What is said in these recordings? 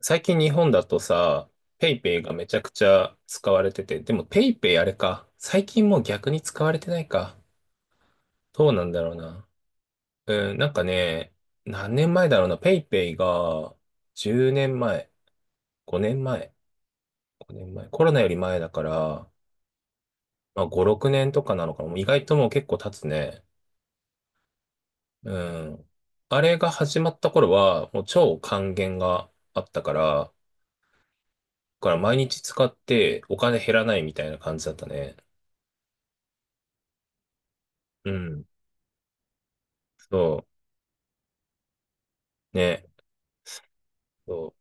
最近日本だとさ、ペイペイがめちゃくちゃ使われてて、でもペイペイあれか。最近もう逆に使われてないか。どうなんだろうな。うん、なんかね、何年前だろうな。ペイペイが10年前、5年前、5年前、コロナより前だから、まあ5、6年とかなのかな。もう意外ともう結構経つね。うん。あれが始まった頃は、もう超還元があったから、だから毎日使ってお金減らないみたいな感じだったね。うん。そう、ね、そ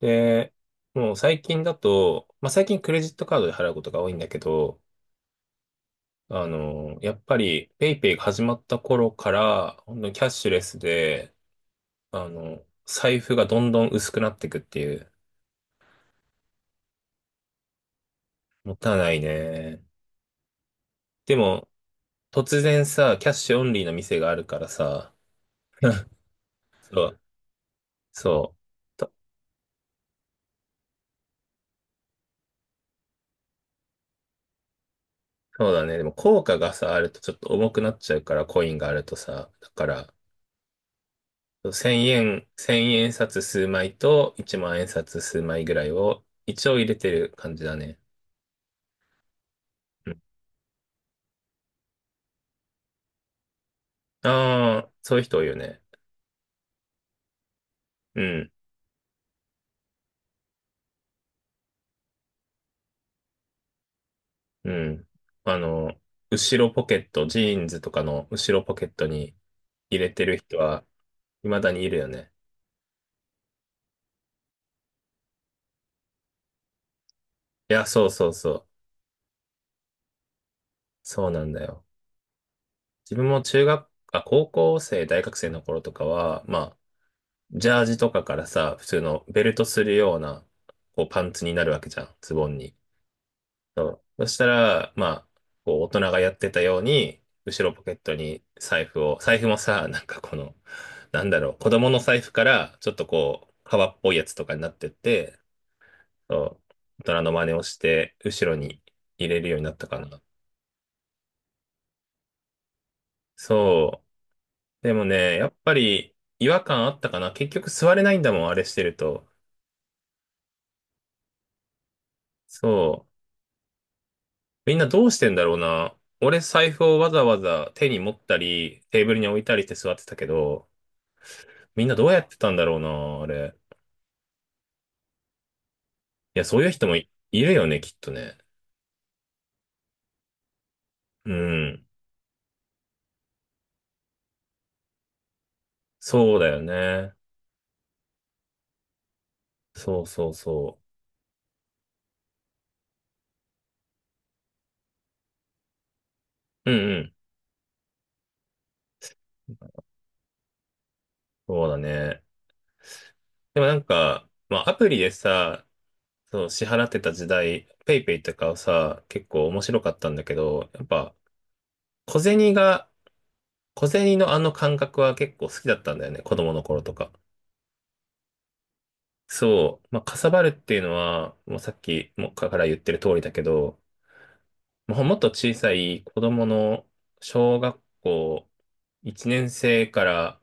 う。で、もう最近だと、まあ、最近クレジットカードで払うことが多いんだけど、やっぱり、ペイペイが始まった頃から、ほんとキャッシュレスで、財布がどんどん薄くなっていくっていう、もったいないね。でも、突然さ、キャッシュオンリーの店があるからさ、そう、そう。そうだね。でも効果がさ、あるとちょっと重くなっちゃうから、コインがあるとさ。だから、1000円、1円札数枚と1万円札数枚ぐらいを一応入れてる感じだね。ああー、そういう人多いよね。うん、うん。あの、後ろポケット、ジーンズとかの後ろポケットに入れてる人は未だにいるよね。いや、そうそうそう。そうなんだよ。自分も中学、あ、高校生、大学生の頃とかは、まあ、ジャージとかからさ、普通のベルトするような、こう、パンツになるわけじゃん、ズボンに。そう。そしたら、まあ、こう、大人がやってたように、後ろポケットに財布もさ、なんかこの、なんだろう、子供の財布から、ちょっとこう、革っぽいやつとかになってって、そう、大人の真似をして、後ろに入れるようになったかな。そう。でもね、やっぱり、違和感あったかな。結局座れないんだもん、あれしてると。そう。みんなどうしてんだろうな。俺財布をわざわざ手に持ったり、テーブルに置いたりして座ってたけど、みんなどうやってたんだろうな、あれ。いや、そういう人もい、いるよね、きっとね。うん。そうだよね。そうそうそう。うんうん。そうだね。でもなんか、まあ、アプリでさ、そう、支払ってた時代、ペイペイとかはさ、結構面白かったんだけど、やっぱ、小銭が、小銭のあの感覚は結構好きだったんだよね、子供の頃とか。そう、まあ、かさばるっていうのは、もうさっきもから言ってる通りだけど、もうもっと小さい子供の小学校1年生から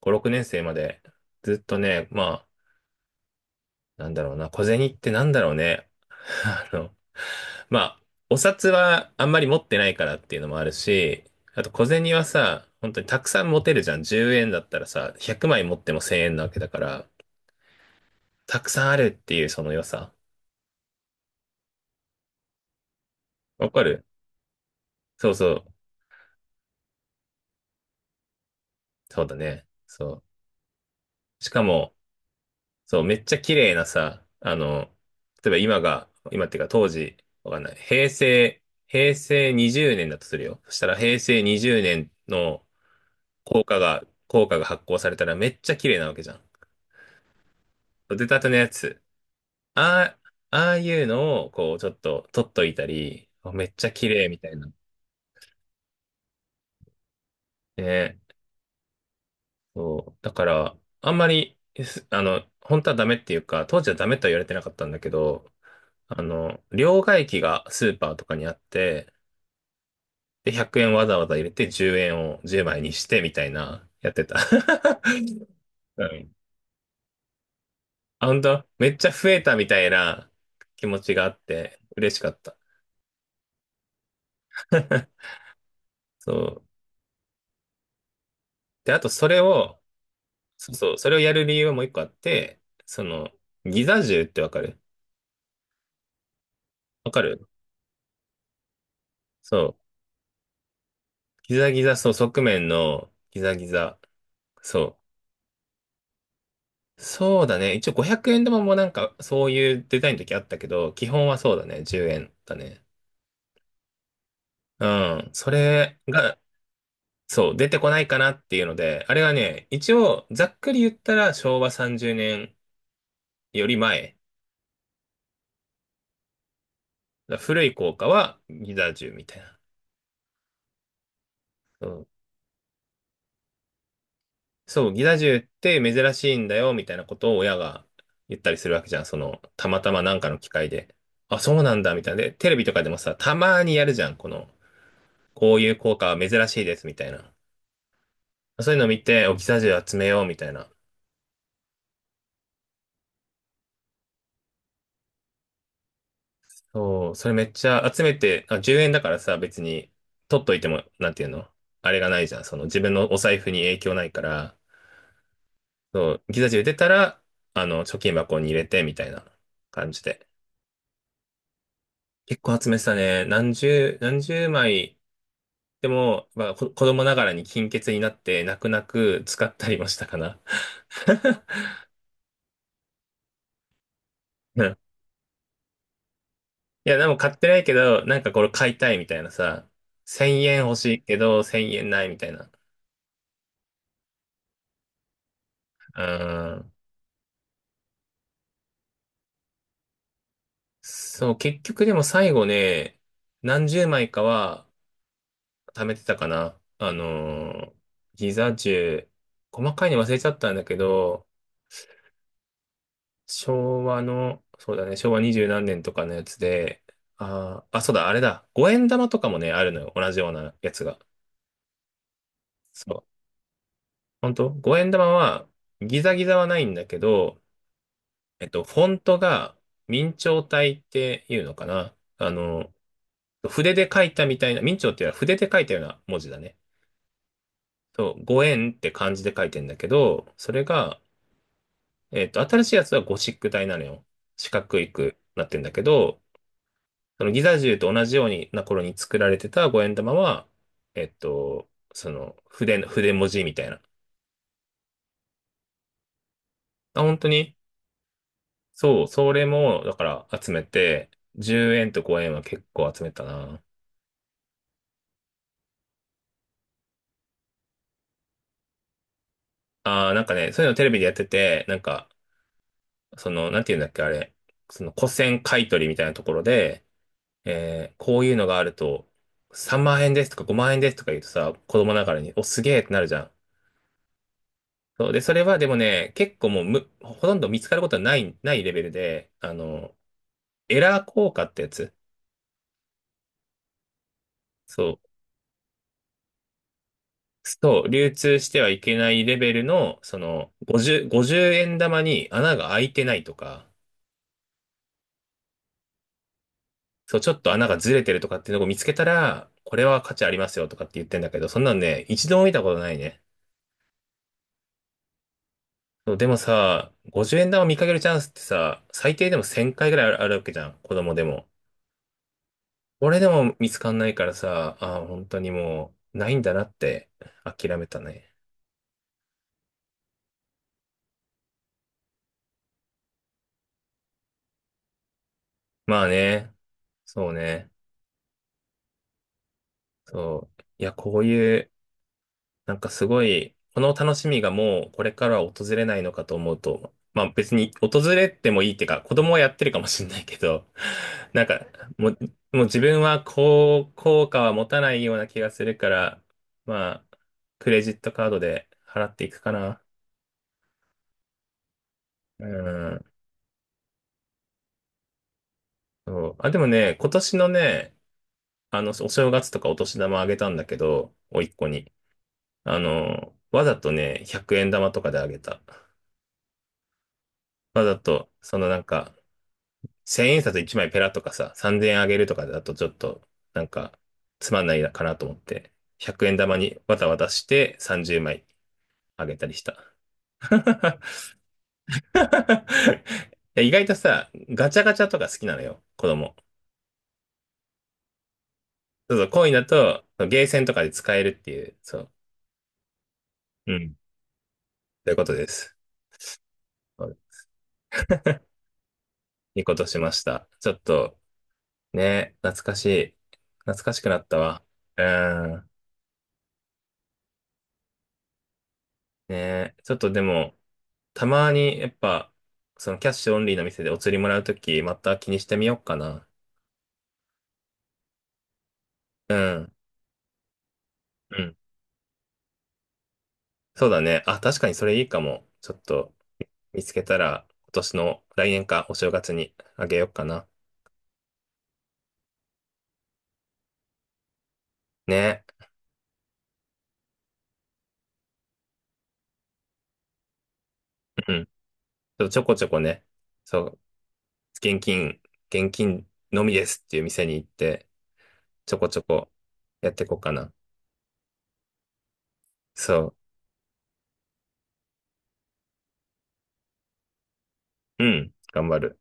5、6年生までずっとね、まあ、なんだろうな、小銭ってなんだろうね。あの、まあ、お札はあんまり持ってないからっていうのもあるし、あと小銭はさ、本当にたくさん持てるじゃん。10円だったらさ、100枚持っても1000円なわけだから、たくさんあるっていうその良さ。わかる。そうそう。そうだね。そう。しかも、そう、めっちゃ綺麗なさ、例えば今が、今っていうか当時、わかんない。平成20年だとするよ。そしたら平成20年の硬貨が、硬貨が発行されたらめっちゃ綺麗なわけじゃん。出たてのやつ。ああ、ああいうのを、こう、ちょっと取っといたり、めっちゃ綺麗みたいな。ね、そう。だから、あんまり、すあの、本当はダメっていうか、当時はダメとは言われてなかったんだけど、両替機がスーパーとかにあって、で、100円わざわざ入れて10円を10枚にしてみたいな、やってた。うん。あ、本当めっちゃ増えたみたいな気持ちがあって、嬉しかった。そう。で、あとそれを、そうそう、それをやる理由はもう一個あって、その、ギザ銃ってわかる？わかる。そう、ギザギザ、そう、側面のギザギザ。そう。そうだね。一応500円玉もなんかそういうデザインの時あったけど、基本はそうだね。10円だね。うん。それが、そう、出てこないかなっていうので、あれはね、一応ざっくり言ったら昭和30年より前。古い硬貨はギザ1みたいな。そう、ギザ銃って珍しいんだよ、みたいなことを親が言ったりするわけじゃん。その、たまたまなんかの機会で。あ、そうなんだ、みたいな。で、テレビとかでもさ、たまにやるじゃん。この、こういう効果は珍しいです、みたいな。そういうのを見て、お、ギザ銃集めよう、みたいな。そう、それめっちゃ集めて、あ、10円だからさ、別に、取っといても、なんていうのあれがないじゃん。その、自分のお財布に影響ないから、そう、ギザ銃出たら、貯金箱に入れて、みたいな感じで。結構集めてたね。何十枚。でも、まあ、子供ながらに金欠になって、泣く泣く使ったりもしたかな。うん。いや、でも買ってないけど、なんかこれ買いたいみたいなさ。1000円欲しいけど、1000円ないみたいな。うん。そう、結局でも最後ね、何十枚かは貯めてたかな。ギザ十細かいの忘れちゃったんだけど、昭和の、そうだね、昭和二十何年とかのやつで、あ、そうだ、あれだ、五円玉とかもね、あるのよ、同じようなやつが。そう。本当五円玉は、ギザギザはないんだけど、フォントが、明朝体っていうのかな。筆で書いたみたいな、明朝っていうのは筆で書いたような文字だね。そう、五円って漢字で書いてんだけど、それが、新しいやつはゴシック体なのよ。四角くなってんだけど、そのギザ銃と同じようにな頃に作られてた五円玉は、その筆文字みたいな。あ、本当にそう、それも、だから集めて、10円と5円は結構集めたな。ああなんかね、そういうのテレビでやってて、なんか、その、なんていうんだっけ、あれ、その古銭買い取りみたいなところで、こういうのがあると、3万円ですとか5万円ですとか言うとさ、子供ながらに、お、すげえってなるじゃん。そうで、それはでもね、結構もうむ、ほとんど見つかることはない、ないレベルで、エラー効果ってやつ。そう。そう、流通してはいけないレベルの、その、50、50円玉に穴が開いてないとか、そう、ちょっと穴がずれてるとかっていうのを見つけたら、これは価値ありますよとかって言ってんだけど、そんなのね、一度も見たことないね。そう、でもさ、50円玉見かけるチャンスってさ、最低でも1000回ぐらいあるわけじゃん、子供でも。俺でも見つかんないからさ、ああ、本当にもう、ないんだなって諦めたね。まあね、そうね、そう。いや、こういう、なんかすごい、この楽しみがもうこれからは訪れないのかと思うと、まあ別に訪れてもいいっていうか、子供はやってるかもしれないけど、なんか、もう、もう自分はこう、効果は持たないような気がするから、まあ、クレジットカードで払っていくかな。うん。そう。あ、でもね、今年のね、お正月とかお年玉あげたんだけど、甥っ子に。わざとね、100円玉とかであげた。わざと、そのなんか、1000円札1枚ペラとかさ、3000円あげるとかだとちょっと、なんか、つまんないかなと思って、100円玉にわたわたして30枚あげたりした。意外とさ、ガチャガチャとか好きなのよ、子供。そうそう、コインだと、ゲーセンとかで使えるっていう、そう。うん。ということです。いいことしました。ちょっと、ね、懐かしい。懐かしくなったわ。うーん。ね、ちょっとでも、たまに、やっぱ、そのキャッシュオンリーの店でお釣りもらうとき、また気にしてみようかな。うん。うん。そうだね。あ、確かにそれいいかも。ちょっと、見つけたら、今年の来年か、お正月にあげようかな。ね。うん。ちょっとちょこちょこね、そう、現金、現金のみですっていう店に行って、ちょこちょこやっていこうかな。そう。うん、頑張る。